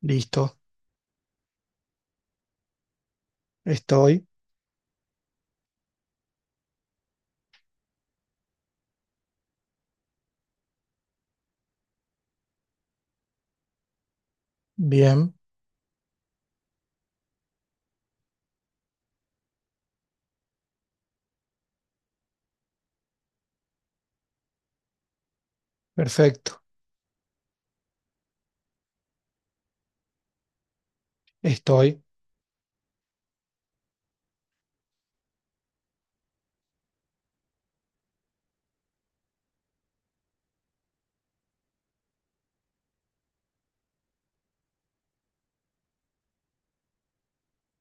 Listo. Estoy. Bien. Perfecto. Estoy.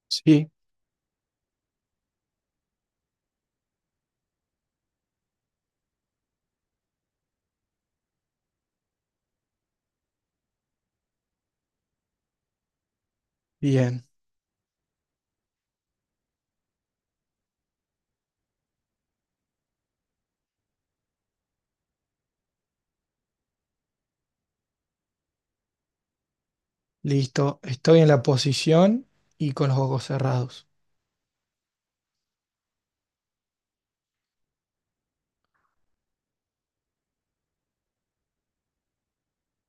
Sí. Bien. Listo. Estoy en la posición y con los ojos cerrados.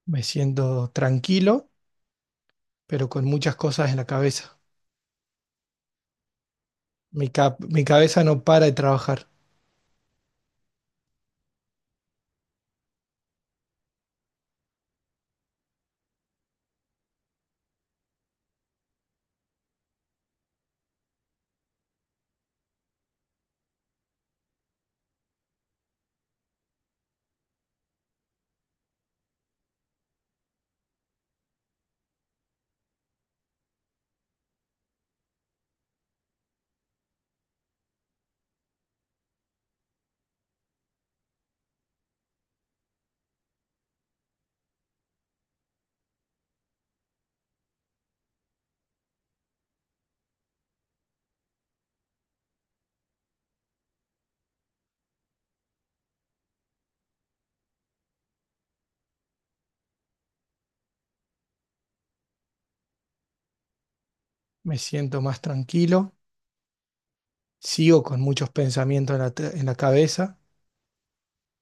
Me siento tranquilo, pero con muchas cosas en la cabeza. Mi cabeza no para de trabajar. Me siento más tranquilo. Sigo con muchos pensamientos en en la cabeza,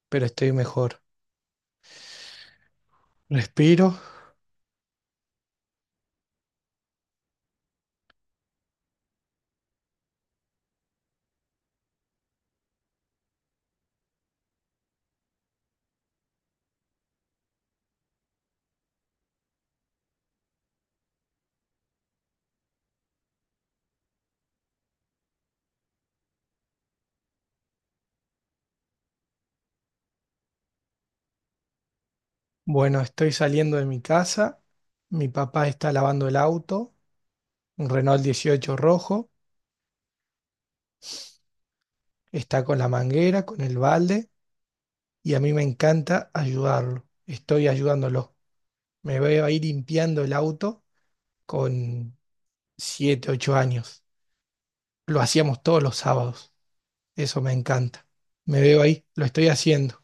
pero estoy mejor. Respiro. Bueno, estoy saliendo de mi casa. Mi papá está lavando el auto, un Renault 18 rojo. Está con la manguera, con el balde y a mí me encanta ayudarlo. Estoy ayudándolo. Me veo ahí limpiando el auto con 7, 8 años. Lo hacíamos todos los sábados. Eso me encanta. Me veo ahí, lo estoy haciendo.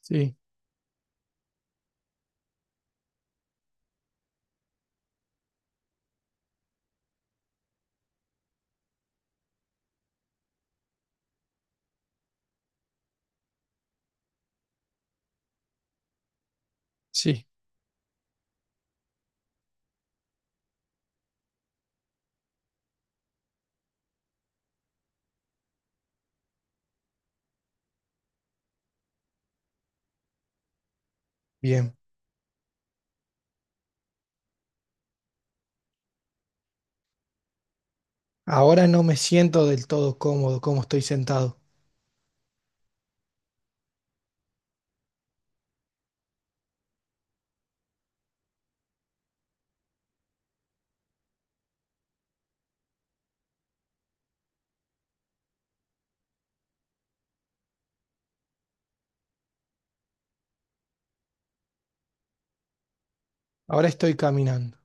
Sí, sí, bien. Ahora no me siento del todo cómodo como estoy sentado. Ahora estoy caminando.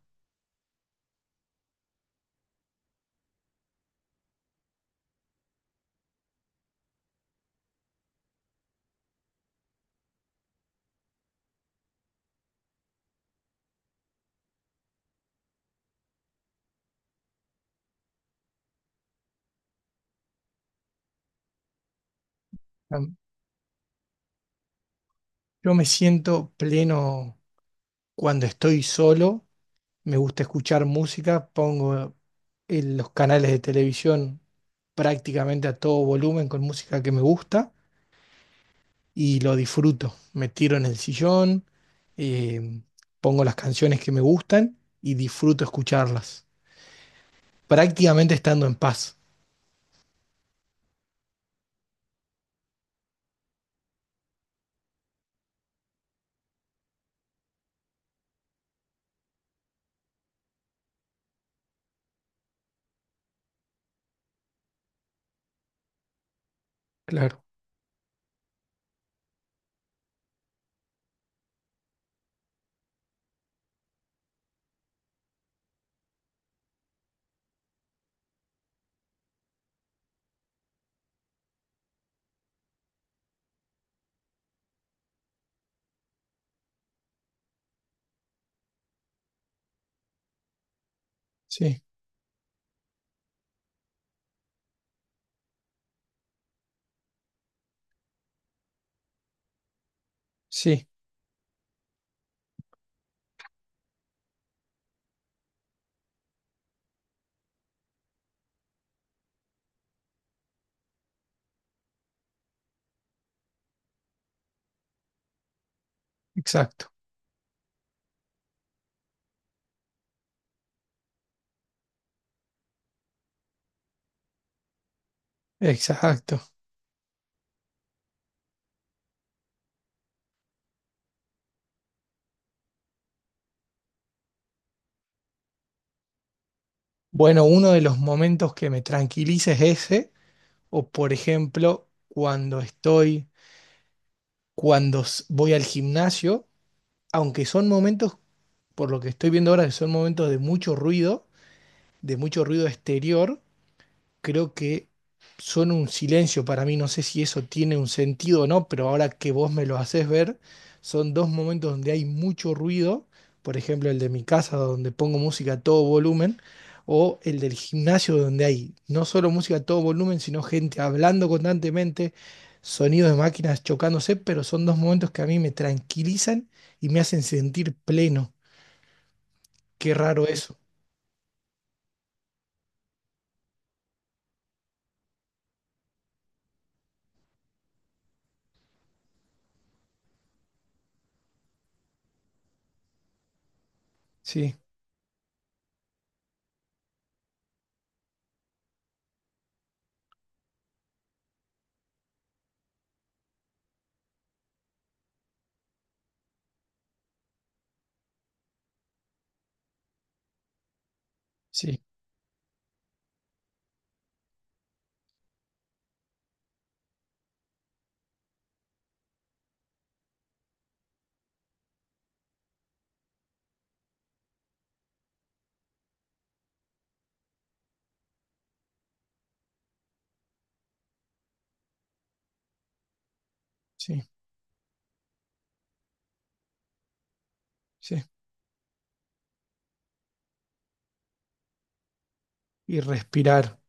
Am- Yo me siento pleno cuando estoy solo, me gusta escuchar música, pongo los canales de televisión prácticamente a todo volumen con música que me gusta y lo disfruto. Me tiro en el sillón, eh, pongo las canciones que me gustan y disfruto escucharlas, prácticamente estando en paz. Claro, sí, sí, exacto, exacto. Bueno, uno de los momentos que me tranquiliza es ese, o por ejemplo, cuando estoy, voy al gimnasio, aunque son momentos, por lo que estoy viendo ahora, que son momentos de mucho ruido exterior, creo que son un silencio para mí. No sé si eso tiene un sentido o no, pero ahora que vos me lo haces ver, son dos momentos donde hay mucho ruido. Por ejemplo, el de mi casa, donde pongo música a todo volumen, o el del gimnasio, donde hay no solo música a todo volumen, sino gente hablando constantemente, sonidos de máquinas chocándose, pero son dos momentos que a mí me tranquilizan y me hacen sentir pleno. Qué raro eso. Sí, sí, sí, sí. Y respirar.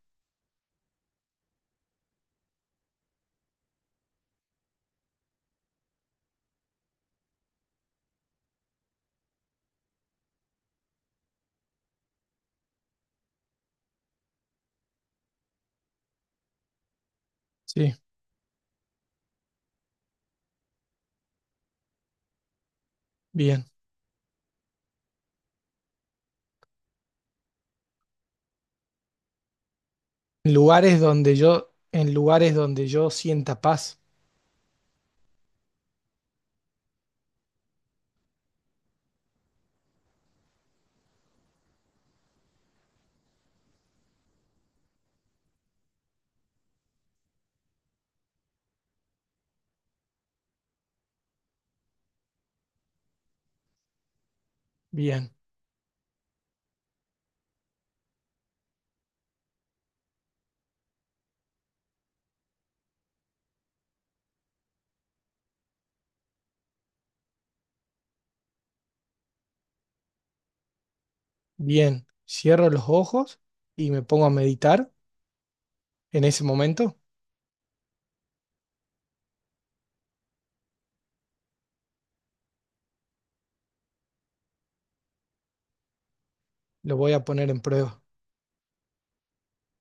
Sí, bien. En lugares donde yo, en lugares donde yo sienta paz. Bien, bien. Cierro los ojos y me pongo a meditar. En ese momento lo voy a poner en prueba.